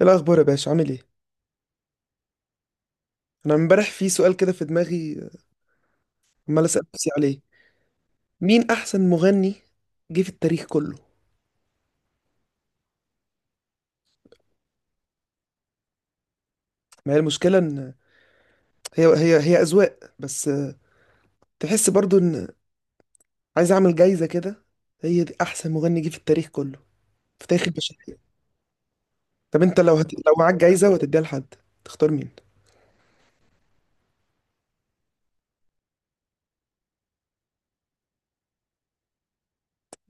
إيه الأخبار يا باشا عامل إيه؟ أنا امبارح في سؤال كده في دماغي، عمال أسأل نفسي عليه: مين أحسن مغني جه في التاريخ كله؟ ما هي المشكلة إن هي أذواق بس، تحس برضو إن، عايز أعمل جايزة كده، هي دي أحسن مغني جه في التاريخ كله، في تاريخ البشرية. طب أنت لو لو معاك جايزة وهتديها لحد، تختار مين؟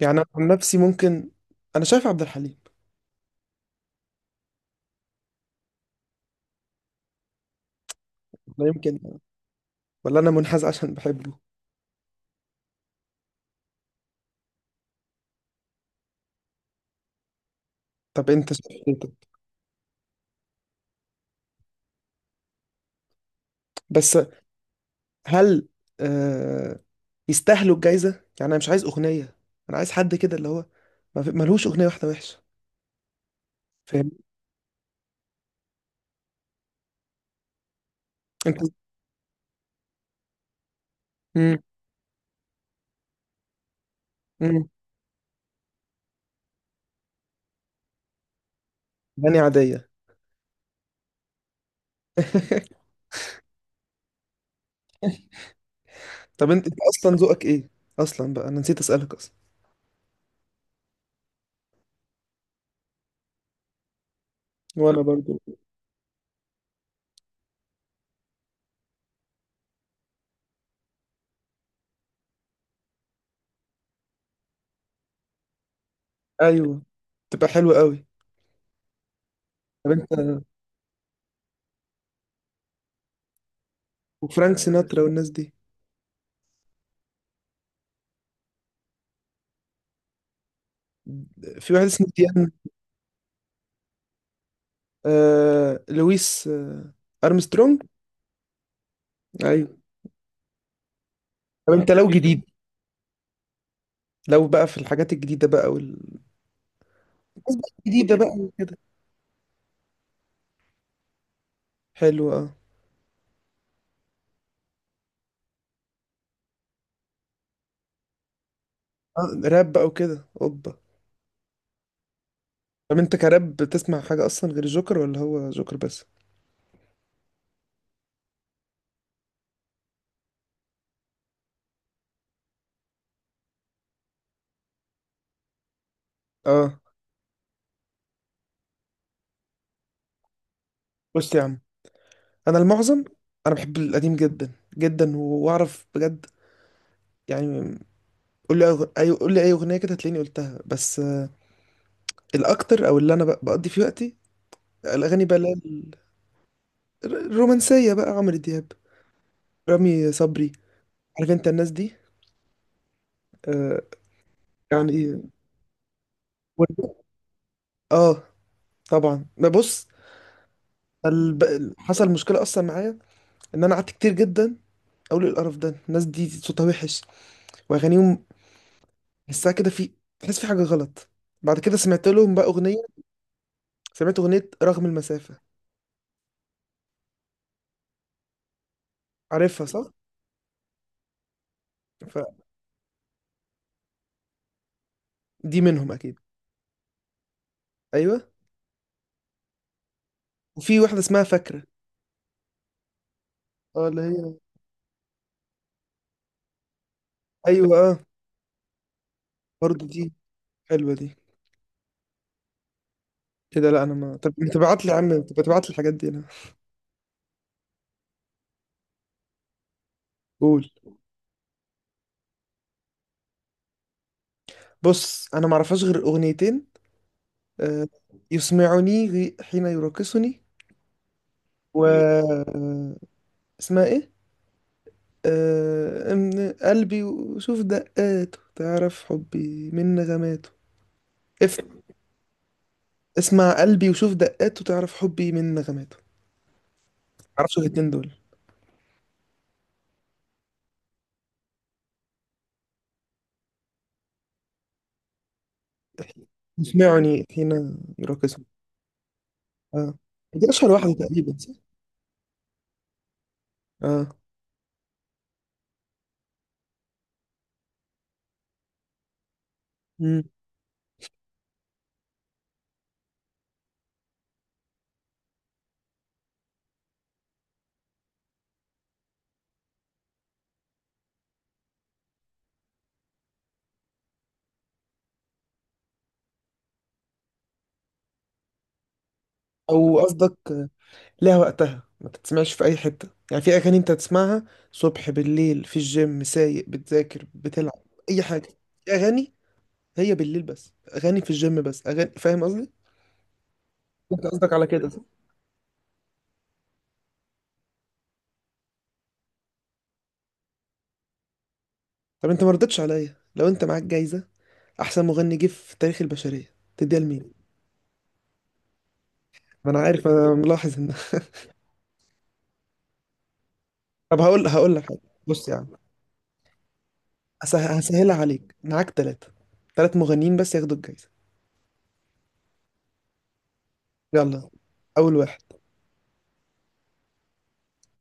يعني أنا عن نفسي ممكن، أنا شايف عبد الحليم. لا يمكن، ولا أنا منحاز عشان بحبه. طب أنت شايف إيه طب؟ بس هل آه، يستاهلوا الجايزه؟ يعني انا مش عايز اغنيه، انا عايز حد كده اللي هو ما في- ملهوش اغنيه واحده وحشه، فاهم؟ انت. امم. امم. اغاني عاديه. طب انت اصلا ذوقك ايه، اصلا بقى انا نسيت اسالك اصلا. وانا برضو. ايوه، تبقى حلوه قوي. طب انت، وفرانك سيناترا والناس دي، في واحد اسمه ديان. لويس ارمسترونج. ايوه. طب انت لو جديد، لو بقى في الحاجات الجديده بقى وال-، الناس بقى الجديده بقى وكده. حلو اه. راب بقى وكده اوبا. طب انت كراب بتسمع حاجة اصلا غير جوكر ولا هو جوكر بس؟ اه. بص يا عم، انا المعظم، انا بحب القديم جدا جدا واعرف بجد. يعني قول لي اي قول لي اي اغنية كده هتلاقيني قلتها بس، الاكتر او اللي انا بقضي فيه وقتي الاغاني بقى اللي هي ال-، الرومانسية بقى: عمرو دياب، رامي صبري، عارف انت الناس دي. آه. يعني ور- اه طبعا ما بص الب... حصل مشكلة اصلا معايا ان انا قعدت كتير جدا اقول ايه القرف ده، الناس دي صوتها وحش واغانيهم، تحسها كده في، تحس في حاجه غلط. بعد كده سمعت لهم بقى اغنيه، سمعت اغنيه رغم المسافه، عارفها صح؟ فدي منهم اكيد. ايوه. وفي واحده اسمها فاكره. اه اللي هي، ايوه اه. برضه دي، حلوه دي. ايه ده؟ لا انا ما طب انت بعت لي يا عم، انت بتبعت لي الحاجات دي انا. قول. بص انا ما اعرفهاش غير اغنيتين. آه، يسمعني حين يراقصني، و اسمها ايه، من قلبي وشوف دقاته تعرف حبي من نغماته. اف. اسمع قلبي وشوف دقاته تعرف حبي من نغماته. تعرفش الاتنين دول؟ اسمعني حين يراقصني. اه. دي اشهر واحدة تقريبا صح؟ اه. مم. او قصدك لها وقتها، ما تتسمعش في اي حتة. يعني في اغاني انت تسمعها صبح بالليل في الجيم سايق بتذاكر بتلعب اي حاجة. في اغاني هي بالليل بس، اغاني في الجيم بس، اغاني، فاهم قصدي؟ انت قصدك على كده صح؟ طب انت ما ردتش عليا، لو انت معاك جايزة احسن مغني جه في تاريخ البشرية تديها لمين؟ ما انا عارف، انا ملاحظ ان. طب هقول لك حاجه. بص يا عم، هسهلها عليك. معاك ثلاثه، ثلاث مغنيين بس ياخدوا الجايزه. يلا، اول واحد.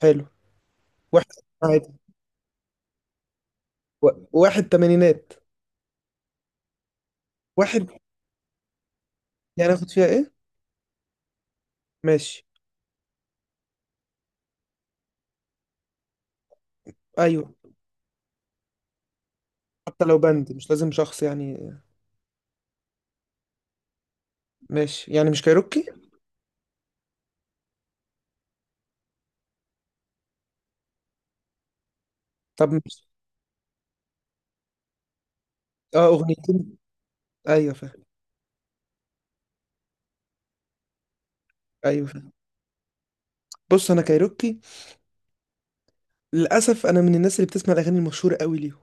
حلو. واحد عادي، واحد تمانينات. واحد يعني اخد فيها ايه؟ ماشي. ايوه. حتى لو بند مش لازم شخص يعني. ماشي يعني مش كايروكي. طب ماشي. اه اغنيتين. ايوه فاهم. ايوه فاهم. بص انا كايروكي للاسف، انا من الناس اللي بتسمع الاغاني المشهوره قوي ليهم،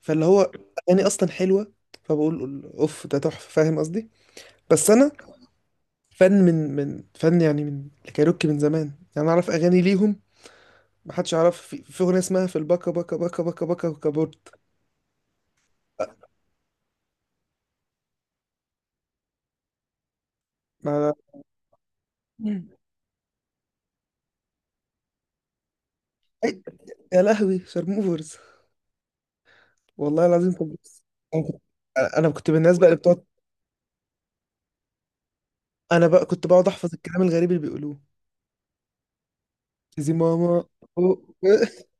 فاللي هو اغاني اصلا حلوه، فبقول اوف ده تحفه، فاهم قصدي؟ بس انا فن من فن يعني، من الكايروكي من زمان يعني، أنا اعرف اغاني ليهم. ما حدش يعرف في اغنيه اسمها في الباكا باكا باكا باكا باكا وكابورت. مع. مم. أي-. يا لهوي شارموفرز، والله العظيم كنت بس، انا كنت، أنا كنت من الناس بقى اللي بتقعد، انا بقى كنت بقعد احفظ الكلام الغريب اللي بيقولوه زي ماما. أو-.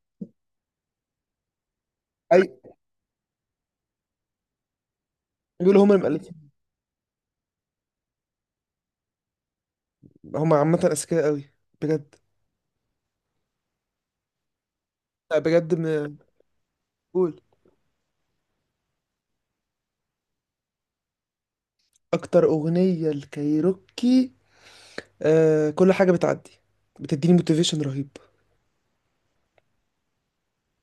اي. بيقولوا هم المؤلفين. هم عامه اذكياء قوي بجد. لا بجد من. قول. اكتر اغنيه الكايروكي آه كل حاجة بتعدي، بتديني موتيفيشن رهيب.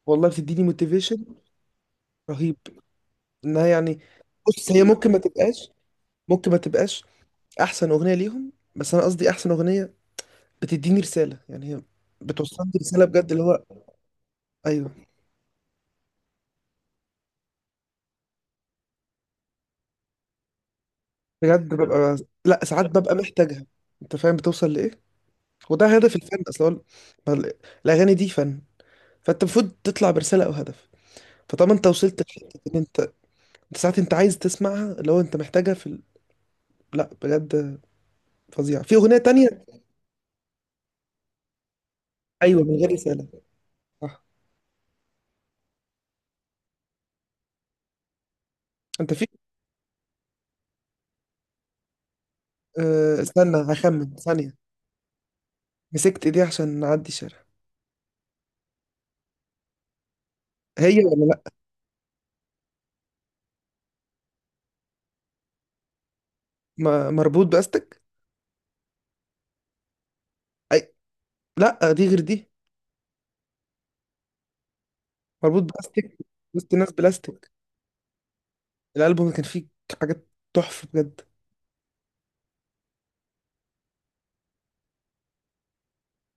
والله بتديني موتيفيشن رهيب، انها يعني، بص هي ممكن ما تبقاش احسن اغنية ليهم، بس انا قصدي احسن اغنية بتديني رسالة، يعني هي بتوصلني رسالة بجد اللي هو. ايوه. بجد ببقى. لا ساعات ببقى محتاجها. انت فاهم بتوصل لايه؟ وده هدف الفن اصلا هو ال-، ما ال-، الاغاني دي فن، فانت المفروض تطلع برسالة او هدف. فطالما انت وصلت لحتة ان انت، انت ساعات انت عايز تسمعها اللي هو انت محتاجها في ال... لا بجد فظيع. في أغنية تانية. أيوة من غير رسالة، صح. أنت في، أه استنى هخمن ثانية. مسكت إيديها عشان نعدي الشارع. هي ولا لأ؟ مربوط بأستك. أي. لأ دي غير دي. مربوط بأستك. وسط ناس بلاستيك. الألبوم كان فيه حاجات تحفة بجد.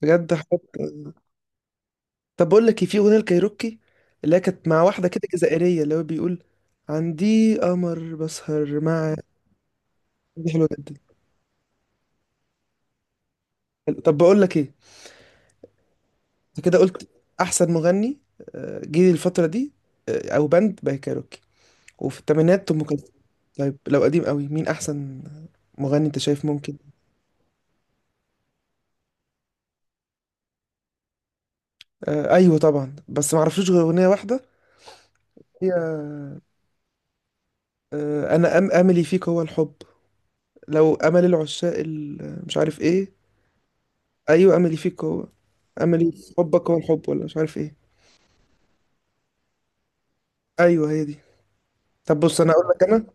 بجد حاجات آه. طب بقول لك إيه، في أغنية الكايروكي اللي هي كانت مع واحدة كده جزائرية اللي هو بيقول: عندي قمر بسهر مع. دي حلوة جدا. حلو. طب بقول لك إيه، انت كده قلت احسن مغني جه الفتره دي، او باند بقى كايروكي، وفي الثمانينات ام كلثوم. طيب لو قديم قوي مين احسن مغني انت شايف ممكن؟ ايوه طبعا بس ما اعرفلوش غير اغنيه واحده. هي انا أم املي فيك هو الحب، لو امل العشاق ال-، مش عارف ايه. ايوه املي فيك هو، املي في حبك هو الحب ولا مش عارف ايه. ايوه هي دي. طب بص انا اقول لك انا.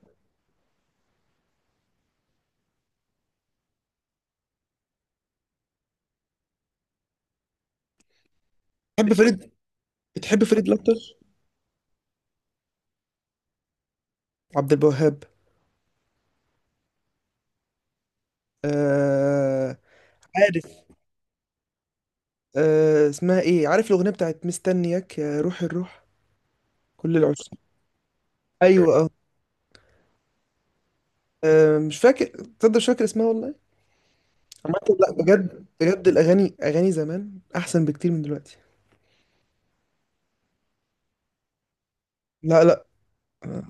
بتحب فريد بتحب فريد الاطرش؟ عبد الوهاب. آه... عارف اسمها ايه عارف الاغنيه بتاعت مستنياك يا روح الروح كل العشاق. ايوه اه. مش فاكر، تصدق مش فاكر اسمها والله. عامة لا بجد بجد الاغاني اغاني زمان احسن بكتير من دلوقتي. لا لا. آه،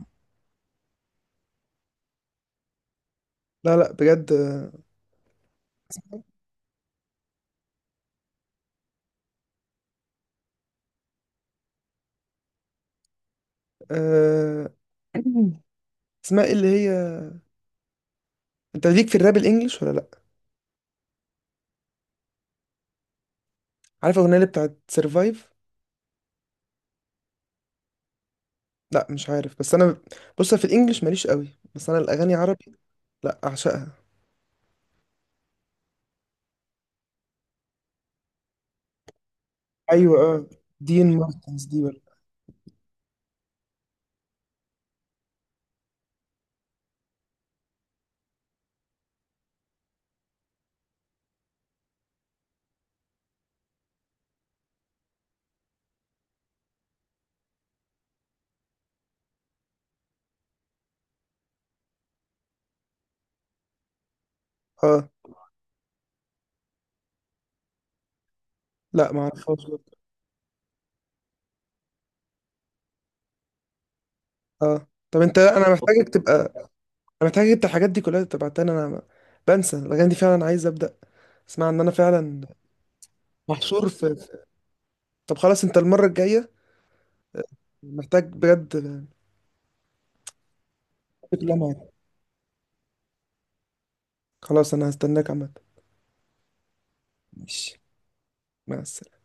لا لا بجد آه، اسمها ايه اللي هي، انت ليك في الراب الانجليش ولا لا؟ عارف الاغنيه اللي بتاعت سرفايف؟ لا مش عارف، بس انا، بص في الانجليش ماليش قوي، بس انا الاغاني عربي لا اعشقها. ايوه اه. دين مارتنز دي ولا؟ اه. لا ما اعرفهاش. اه طب انت، انا محتاجك انت الحاجات دي كلها تبعتها لي، انا بنسى الاغاني دي فعلا، عايز ابدا اسمع ان انا فعلا محشور في طب خلاص انت المره الجايه، محتاج بجد، كلها معاك، خلاص انا هستناك عامه. ماشي. مع السلامه.